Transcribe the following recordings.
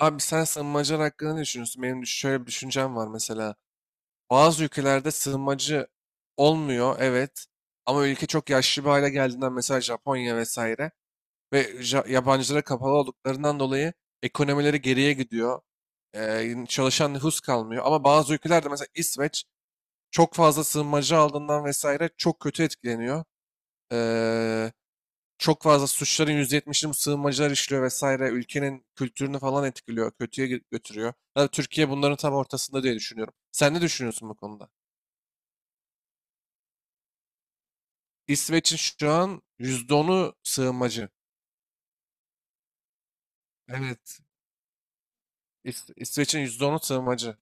Abi sen sığınmacılar hakkında ne düşünüyorsun? Benim şöyle bir düşüncem var mesela. Bazı ülkelerde sığınmacı olmuyor, evet. Ama ülke çok yaşlı bir hale geldiğinden, mesela Japonya vesaire ve yabancılara kapalı olduklarından dolayı ekonomileri geriye gidiyor. Çalışan nüfus kalmıyor. Ama bazı ülkelerde, mesela İsveç, çok fazla sığınmacı aldığından vesaire çok kötü etkileniyor, çok fazla suçların %70'ini bu sığınmacılar işliyor vesaire. Ülkenin kültürünü falan etkiliyor, kötüye götürüyor. Ya Türkiye bunların tam ortasında diye düşünüyorum. Sen ne düşünüyorsun bu konuda? İsveç'in şu an %10'u sığınmacı. Evet. İsveç'in %10'u sığınmacı.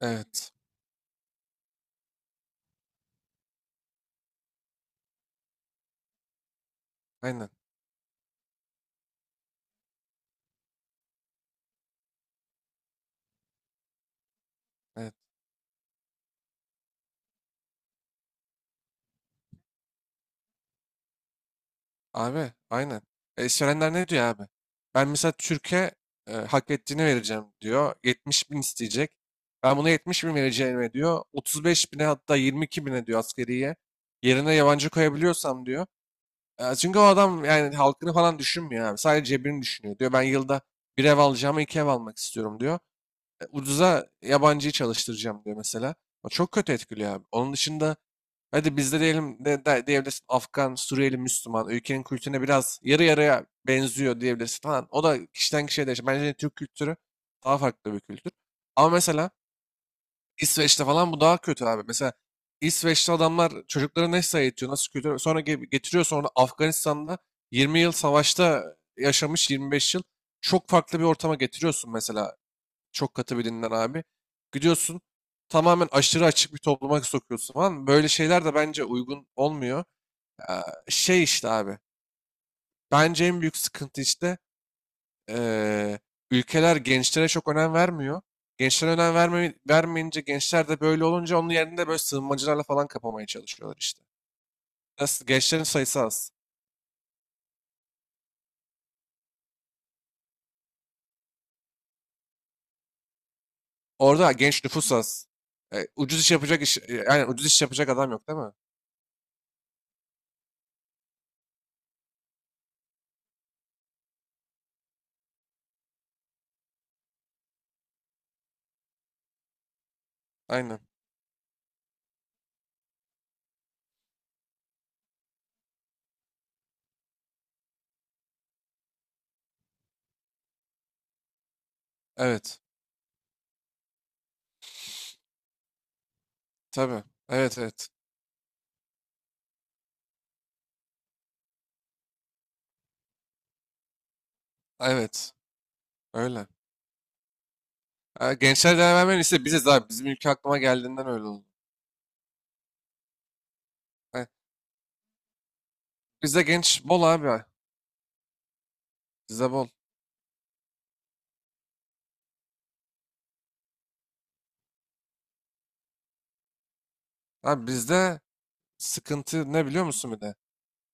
Evet. Aynen. Evet. Abi, aynen. İşverenler ne diyor abi? Ben mesela Türkiye hak ettiğini vereceğim diyor. 70 bin isteyecek. Ben buna 70 bin vereceğim diyor. 35 bine, hatta 22 bine diyor askeriye. Yerine yabancı koyabiliyorsam diyor. Çünkü o adam yani halkını falan düşünmüyor abi. Sadece cebini düşünüyor. Diyor ben yılda bir ev alacağıma iki ev almak istiyorum diyor, ucuza yabancıyı çalıştıracağım diyor mesela. O çok kötü etkiliyor abi. Onun dışında hadi bizde diyelim, diyebilirsin Afgan, Suriyeli, Müslüman ülkenin kültürüne biraz yarı yarıya benziyor diyebilirsin falan. O da kişiden kişiye değişir. Bence Türk kültürü daha farklı bir kültür. Ama mesela İsveç'te falan bu daha kötü abi. Mesela İsveç'te adamlar çocukları nasıl eğitiyor, nasıl kültür sonra getiriyor, sonra Afganistan'da 20 yıl savaşta yaşamış, 25 yıl, çok farklı bir ortama getiriyorsun mesela, çok katı bir dinden abi. Gidiyorsun, tamamen aşırı açık bir topluma sokuyorsun falan. Böyle şeyler de bence uygun olmuyor. Ee, Şey işte abi. Bence en büyük sıkıntı işte ee, ülkeler gençlere çok önem vermiyor. Gençlere önem verme, vermeyince, gençler de böyle olunca onun yerinde böyle sığınmacılarla falan kapamaya çalışıyorlar işte. Nasıl? Gençlerin sayısı az. Orada genç nüfus az. Ucuz iş yapacak iş, yani ucuz iş yapacak adam yok, değil mi? Aynen. Evet. Tabii. Evet, evet. Evet. Öyle. Ha, gençler değer vermeyen ise biziz abi. Bizim ülke aklıma geldiğinden öyle oldu. Ha, bizde genç bol abi. Bizde bol. Abi, bizde sıkıntı ne biliyor musun bir de?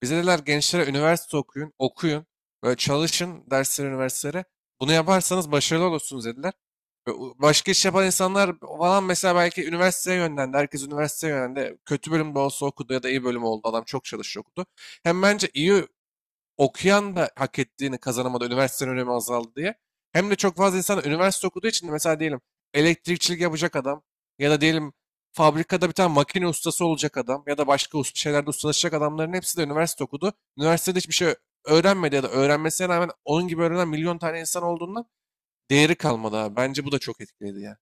Bize dediler gençlere, üniversite okuyun, okuyun. Böyle çalışın derslere, üniversitelere. Bunu yaparsanız başarılı olursunuz dediler. Ve başka iş yapan insanlar falan mesela belki üniversiteye yönlendi. Herkes üniversiteye yönlendi. Kötü bölümde olsa okudu, ya da iyi bölüm oldu. Adam çok çalışıyor, okudu. Hem bence iyi okuyan da hak ettiğini kazanamadı, üniversitenin önemi azaldı diye. Hem de çok fazla insan üniversite okuduğu için de, mesela diyelim elektrikçilik yapacak adam ya da diyelim fabrikada bir tane makine ustası olacak adam ya da başka usta şeylerde ustalaşacak adamların hepsi de üniversite okudu. Üniversitede hiçbir şey öğrenmedi, ya da öğrenmesine rağmen onun gibi öğrenen milyon tane insan olduğundan değeri kalmadı abi. Bence bu da çok etkiledi ya.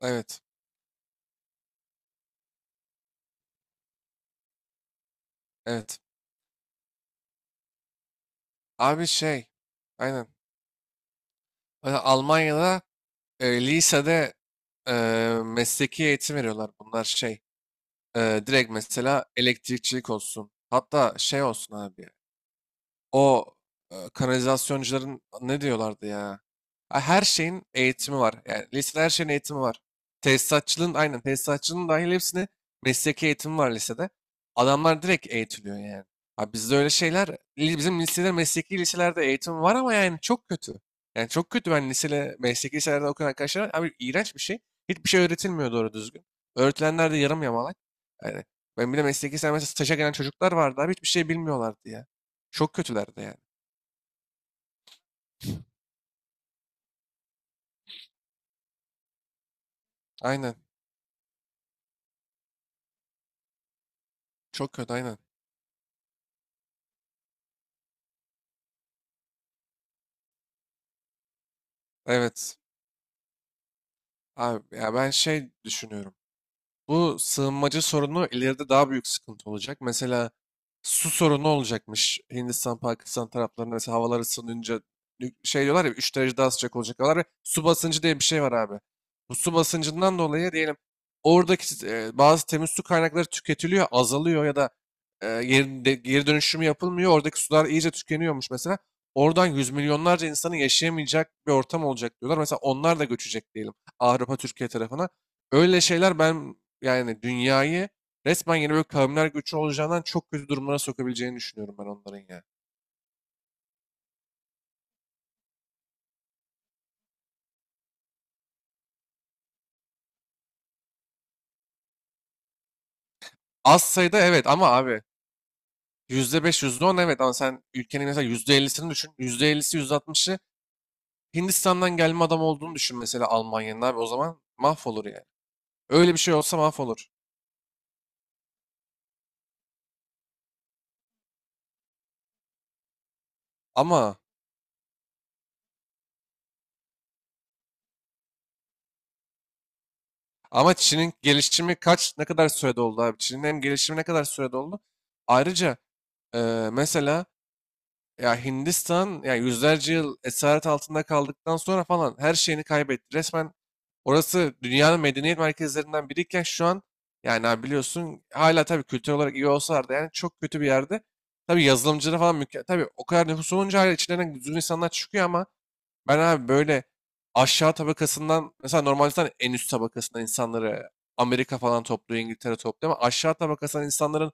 Evet, evet. Abi şey, aynen. Mesela Almanya'da, lisede, e, mesleki eğitim veriyorlar. Bunlar şey, direkt mesela elektrikçilik olsun. Hatta şey olsun abi. O, kanalizasyoncuların ne diyorlardı ya? Ha, her şeyin eğitimi var. Yani lisede her şeyin eğitimi var. Tesisatçılığın, aynen tesisatçılığın dahil hepsine mesleki eğitimi var lisede. Adamlar direkt eğitiliyor yani. Ha, bizde öyle şeyler, bizim lisede, mesleki liselerde eğitim var ama yani çok kötü. Yani çok kötü, ben lisede mesleki liselerde okuyan arkadaşlar var. Abi, iğrenç bir şey. Hiçbir şey öğretilmiyor doğru düzgün. Öğretilenler de yarım yamalak. Yani ben bir de mesleki, sen mesela staja gelen çocuklar vardı abi, hiçbir şey bilmiyorlardı ya. Çok kötülerdi yani. Aynen. Çok kötü, aynen. Evet. Abi ya, ben şey düşünüyorum. Bu sığınmacı sorunu ileride daha büyük sıkıntı olacak. Mesela su sorunu olacakmış. Hindistan, Pakistan taraflarında mesela havalar ısınınca, şey diyorlar ya, 3 derece daha sıcak olacak diyorlar. Ya, su basıncı diye bir şey var abi. Bu su basıncından dolayı diyelim, oradaki bazı temiz su kaynakları tüketiliyor, azalıyor, ya da geri dönüşümü yapılmıyor. Oradaki sular iyice tükeniyormuş mesela. Oradan yüz milyonlarca insanın yaşayamayacak bir ortam olacak diyorlar. Mesela onlar da göçecek diyelim Avrupa, Türkiye tarafına. Öyle şeyler, ben yani dünyayı resmen yeni böyle kavimler göçü olacağından çok kötü durumlara sokabileceğini düşünüyorum ben onların ya. Az sayıda evet ama abi, %5 yüzde on evet, ama sen ülkenin mesela %50'sini düşün. %50'si, yüzde altmışı Hindistan'dan gelme adam olduğunu düşün mesela Almanya'nın abi, o zaman mahvolur yani. Öyle bir şey olsa mahvolur. Ama ama Çin'in gelişimi kaç, ne kadar sürede oldu abi? Çin'in hem gelişimi ne kadar sürede oldu? Ayrıca mesela, ya Hindistan, ya yüzlerce yıl esaret altında kaldıktan sonra falan her şeyini kaybetti. Resmen orası dünyanın medeniyet merkezlerinden biriyken, şu an yani abi, biliyorsun hala, tabii kültür olarak iyi olsalardı, yani çok kötü bir yerde. Tabii yazılımcıları falan mükemmel. Tabii o kadar nüfus olunca hala içlerinden düzgün insanlar çıkıyor ama ben abi, böyle aşağı tabakasından, mesela normalde zaten en üst tabakasından insanları Amerika falan topluyor, İngiltere topluyor, ama aşağı tabakasından insanların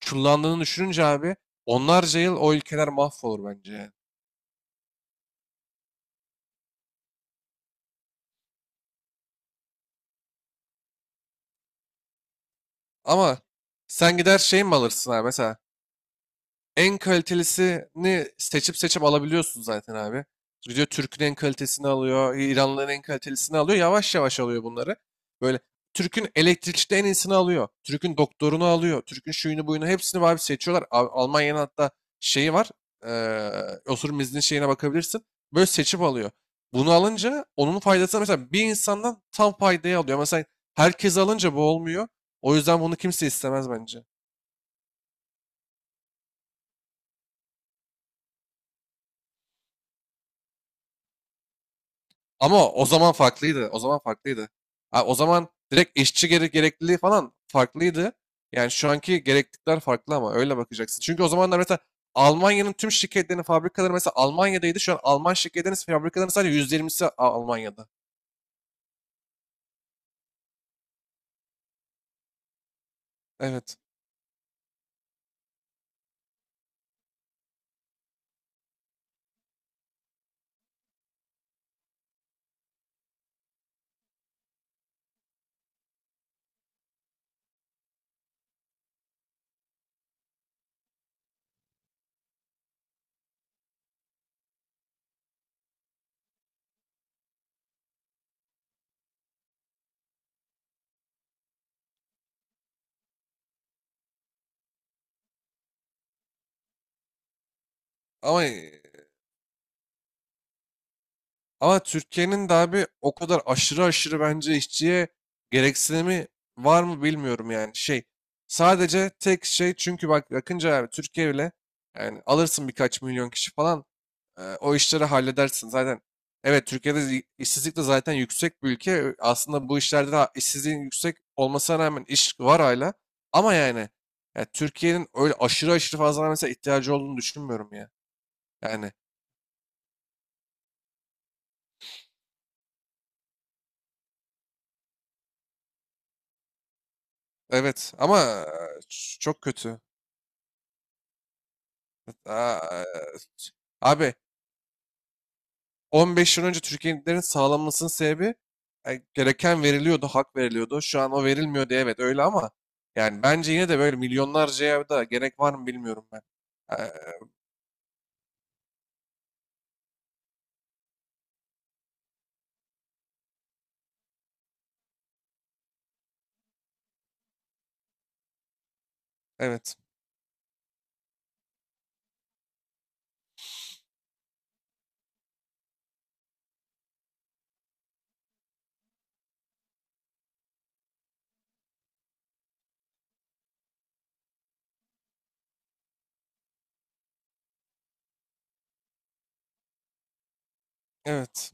çullandığını düşününce abi, onlarca yıl o ülkeler mahvolur bence yani. Ama sen gider şey mi alırsın abi mesela? En kalitelisini seçip seçip alabiliyorsun zaten abi. Gidiyor Türk'ün en kalitesini alıyor, İranlıların en kalitelisini alıyor. Yavaş yavaş alıyor bunları. Böyle Türk'ün elektrikçide en iyisini alıyor. Türk'ün doktorunu alıyor. Türk'ün şuyunu buyunu hepsini abi seçiyorlar. Almanya'nın hatta şeyi var. eee Oturum izni şeyine bakabilirsin. Böyle seçip alıyor. Bunu alınca onun faydasını mesela bir insandan tam faydayı alıyor. Mesela herkes alınca bu olmuyor. O yüzden bunu kimse istemez bence. Ama o zaman farklıydı. O zaman farklıydı. Ha, o zaman direkt işçi gerekliliği falan farklıydı. Yani şu anki gereklilikler farklı ama öyle bakacaksın. Çünkü o zamanlar mesela Almanya'nın tüm şirketlerinin fabrikaları mesela Almanya'daydı. Şu an Alman şirketlerinin fabrikalarının sadece %20'si Almanya'da. Evet. Ama ama Türkiye'nin de abi o kadar aşırı aşırı bence işçiye gereksinimi var mı bilmiyorum yani. Şey, sadece tek şey, çünkü bak bakınca abi, Türkiye ile yani, alırsın birkaç milyon kişi falan, o işleri halledersin. Zaten evet, Türkiye'de işsizlik de zaten yüksek bir ülke. Aslında bu işlerde de işsizliğin yüksek olmasına rağmen iş var hala. Ama yani, ya Türkiye'nin öyle aşırı aşırı fazla mesela ihtiyacı olduğunu düşünmüyorum ya. Yani evet ama çok kötü. Aa, abi, 15 yıl önce Türkiye'nin sağlanmasının sebebi, gereken veriliyordu, hak veriliyordu. Şu an o verilmiyor diye evet, öyle ama yani bence yine de böyle milyonlarcaya da gerek var mı, bilmiyorum ben. E, Evet, evet.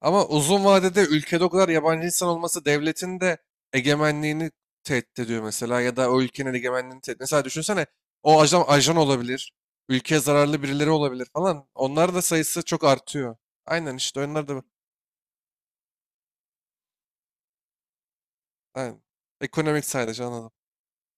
Ama uzun vadede ülkede o kadar yabancı insan olması devletin de egemenliğini tehdit ediyor, mesela, ya da o ülkenin egemenliğini tehdit. Mesela düşünsene o ajan, ajan olabilir, ülkeye zararlı birileri olabilir falan. Onlar da sayısı çok artıyor. Aynen, işte onlar da aynen. Ekonomik sadece, anladım.